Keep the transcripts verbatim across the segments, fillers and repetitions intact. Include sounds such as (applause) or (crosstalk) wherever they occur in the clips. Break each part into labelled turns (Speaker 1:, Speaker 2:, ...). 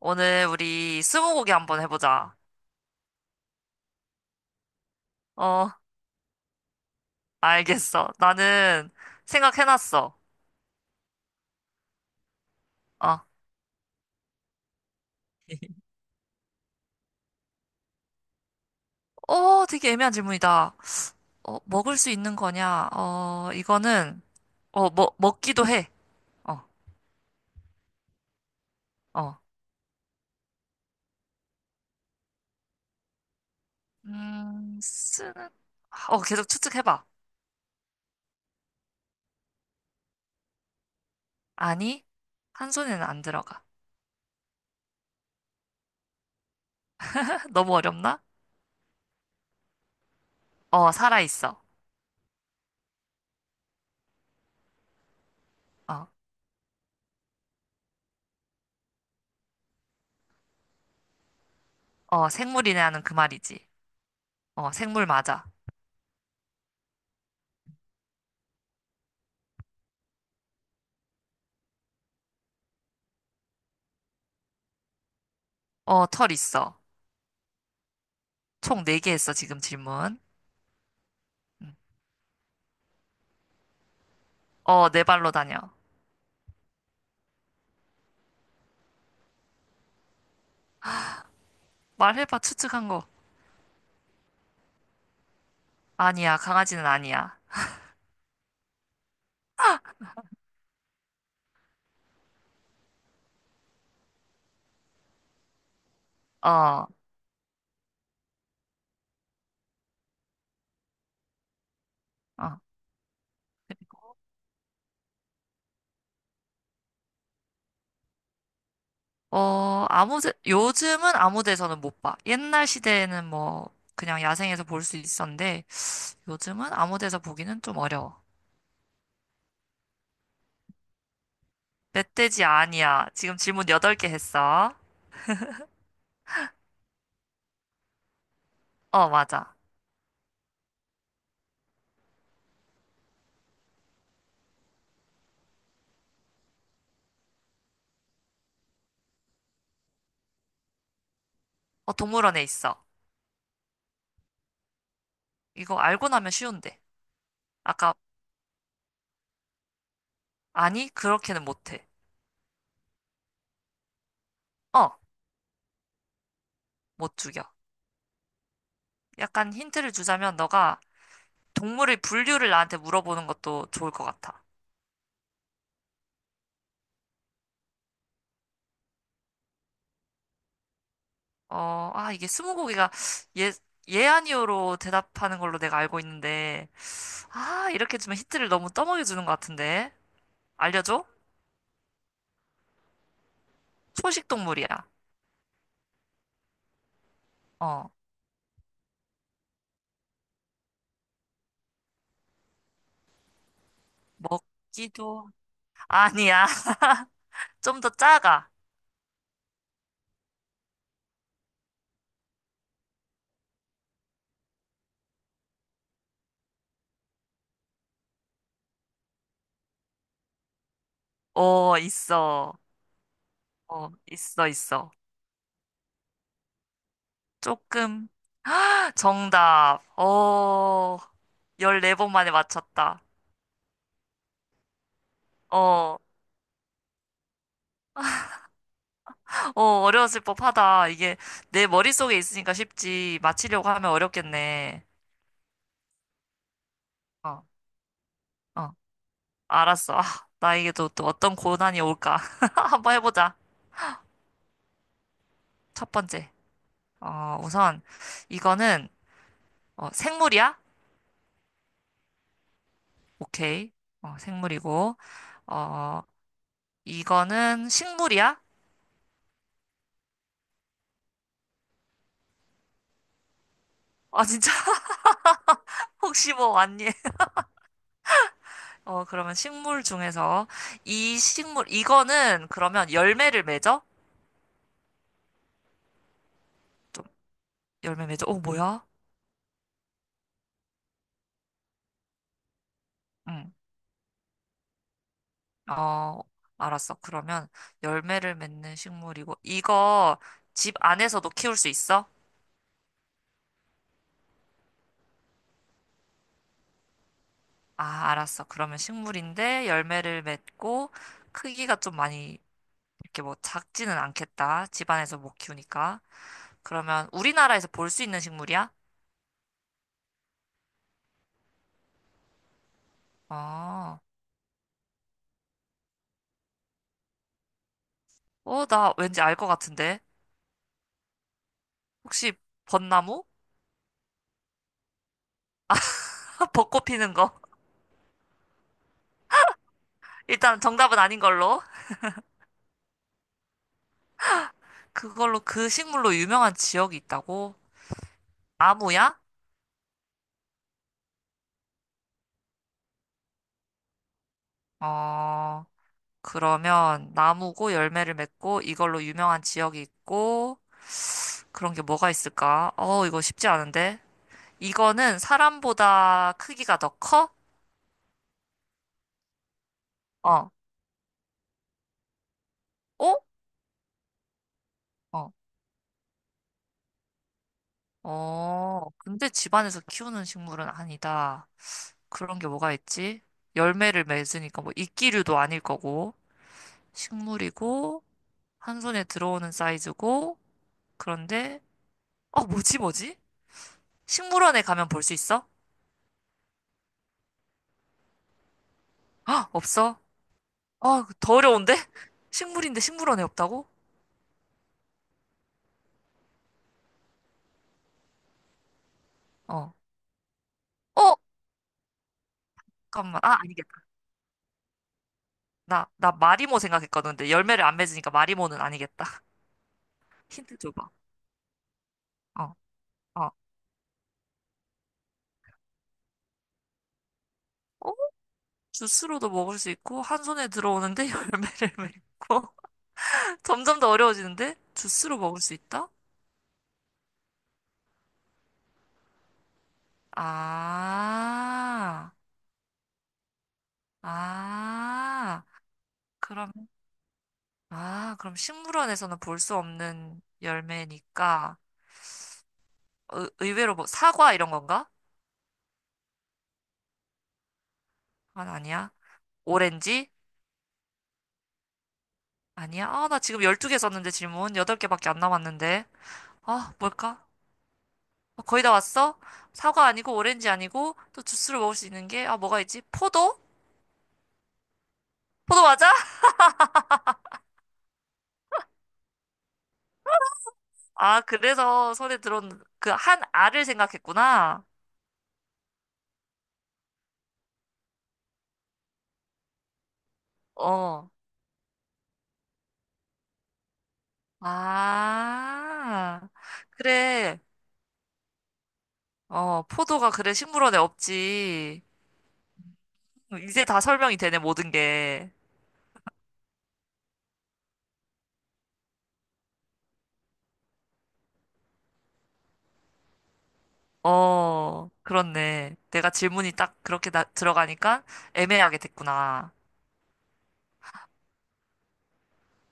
Speaker 1: 오늘 우리 스무고개 한번 해보자. 어, 알겠어. 나는 생각해놨어. 어, 어, 되게 애매한 질문이다. 어, 먹을 수 있는 거냐? 어, 이거는, 어, 먹, 먹기도 해. 어, 어. 음, 쓰는, 어, 계속 추측해봐. 아니, 한 손에는 안 들어가. (laughs) 너무 어렵나? 어, 살아있어. 어, 어, 생물이네 하는 그 말이지. 어, 생물 맞아. 어, 털 있어. 총 네 개 했어, 지금 질문. 음. 어, 네 발로 다녀. 말해봐, 추측한 거. 아니야, 강아지는 아니야. 어, 어. 어, 아무, 데- 요즘은 아무 데서는 못 봐. 옛날 시대에는 뭐, 그냥 야생에서 볼 수 있었는데, 요즘은 아무 데서 보기는 좀 어려워. 멧돼지 아니야. 지금 질문 여덟 개 했어. 어, 맞아. 어, 동물원에 있어. 이거 알고 나면 쉬운데. 아까, 아니, 그렇게는 못해. 어, 못 죽여. 약간 힌트를 주자면, 너가 동물의 분류를 나한테 물어보는 것도 좋을 것 같아. 어, 아, 이게 스무고개가 예, 예 아니오로 대답하는 걸로 내가 알고 있는데, 아, 이렇게 주면 힌트를 너무 떠먹여 주는 것 같은데. 알려줘? 초식 동물이야. 어, 먹기도, 아니야. (laughs) 좀 더 작아. 어, 있어. 어, 있어, 있어. 조금, (laughs) 정답. 어, 열네 번 만에 맞췄다. 어, 어, 어려웠을 법하다. 이게 내 머릿속에 있으니까 쉽지. 맞히려고 하면 어렵겠네. 어. 어. 알았어. 아, 나에게도 또 어떤 고난이 올까? (laughs) 한번 해보자. 첫 번째. 어, 우선, 이거는, 어, 생물이야? 오케이. 어, 생물이고. 어, 이거는 식물이야? 아, 진짜? (laughs) 혹시 뭐 왔니? (laughs) 어, 그러면 식물 중에서, 이 식물, 이거는 그러면 열매를 맺어? 좀, 열매 맺어? 어, 뭐야? 응. 어, 알았어. 그러면 열매를 맺는 식물이고, 이거 집 안에서도 키울 수 있어? 아, 알았어. 그러면 식물인데 열매를 맺고 크기가 좀 많이 이렇게 뭐 작지는 않겠다. 집안에서 못 키우니까. 그러면 우리나라에서 볼 수 있는 식물이야? 어, 어, 나 왠지 알 것 같은데. 혹시 벚나무? (laughs) 벚꽃 피는 거. 일단 정답은 아닌 걸로. 그걸로 그 식물로 유명한 지역이 있다고? 나무야? 어, 그러면 나무고 열매를 맺고 이걸로 유명한 지역이 있고 그런 게 뭐가 있을까? 어, 이거 쉽지 않은데. 이거는 사람보다 크기가 더 커? 어. 어? 어. 어. 근데 집안에서 키우는 식물은 아니다. 그런 게 뭐가 있지? 열매를 맺으니까 뭐 이끼류도 아닐 거고, 식물이고, 한 손에 들어오는 사이즈고, 그런데, 어, 뭐지, 뭐지? 식물원에 가면 볼 수 있어? 아, 없어? 어, 더 어려운데? (laughs) 식물인데 식물원에 없다고? 어. 어? 잠깐만. 아, 아니겠다. 나, 나 마리모 생각했거든. 근데 열매를 안 맺으니까 마리모는 아니겠다. 힌트 줘봐. 어, 어. 어? 주스로도 먹을 수 있고, 한 손에 들어오는데 (laughs) 열매를 맺고. (laughs) 점점 더 어려워지는데? 주스로 먹을 수 있다? 아, 아. 그럼, 아, 그럼 식물원에서는 볼 수 없는 열매니까, 의, 의외로 뭐, 사과 이런 건가? 아, 아니야. 오렌지? 아니야. 아, 나 지금 열두 개 썼는데 질문. 여덟 개밖에 안 남았는데. 아, 뭘까? 어, 거의 다 왔어? 사과 아니고 오렌지 아니고 또 주스로 먹을 수 있는 게, 아, 뭐가 있지? 포도? 포도 맞아? 아, 그래서 손에 들어온 그 한 알을 생각했구나. 어. 아, 그래. 어, 포도가 그래 식물원에 없지. 이제 다 설명이 되네, 모든 게. 어, 그렇네. 내가 질문이 딱 그렇게 나, 들어가니까 애매하게 됐구나.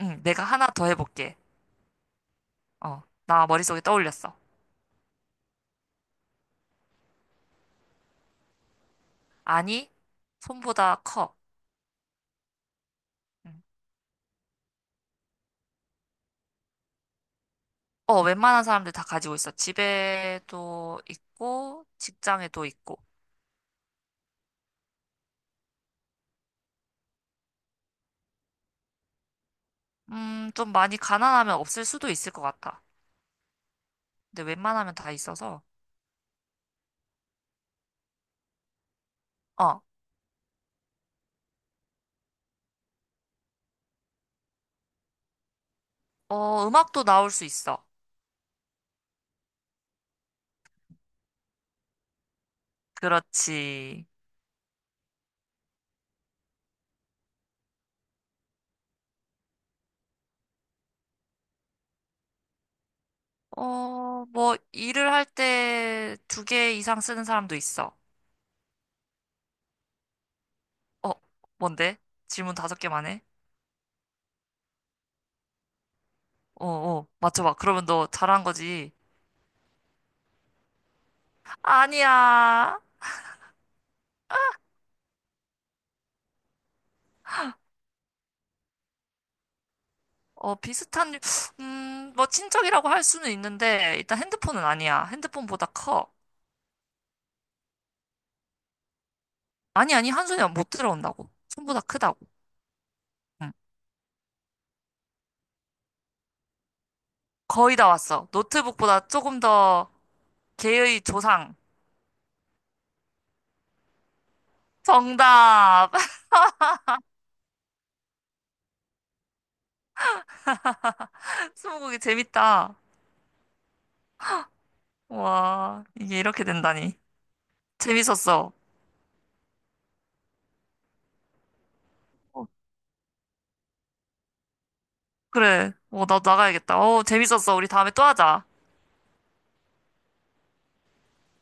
Speaker 1: 응, 내가 하나 더 해볼게. 어, 나 머릿속에 떠올렸어. 아니, 손보다 커. 음. 어, 웬만한 사람들 다 가지고 있어. 집에도 있고, 직장에도 있고. 음, 좀 많이 가난하면 없을 수도 있을 것 같아. 근데 웬만하면 다 있어서. 어, 어, 음악도 나올 수 있어. 그렇지. 어, 뭐, 일을 할 때 두 개 이상 쓰는 사람도 있어. 어, 뭔데? 질문 다섯 개만 해? 어, 어, 맞춰봐. 그러면 너 잘한 거지. 아니야. 어, 비슷한, 음, 뭐, 친척이라고 할 수는 있는데, 일단 핸드폰은 아니야. 핸드폰보다 커. 아니, 아니, 한 손이 못 들어온다고. 손보다 크다고. 응. 거의 다 왔어. 노트북보다 조금 더 개의 조상. 정답! (laughs) 스무고개 재밌다. 와, 이게 이렇게 된다니. 재밌었어. 어, 그래. 어, 나도 나가야겠다. 어, 재밌었어. 우리 다음에 또 하자.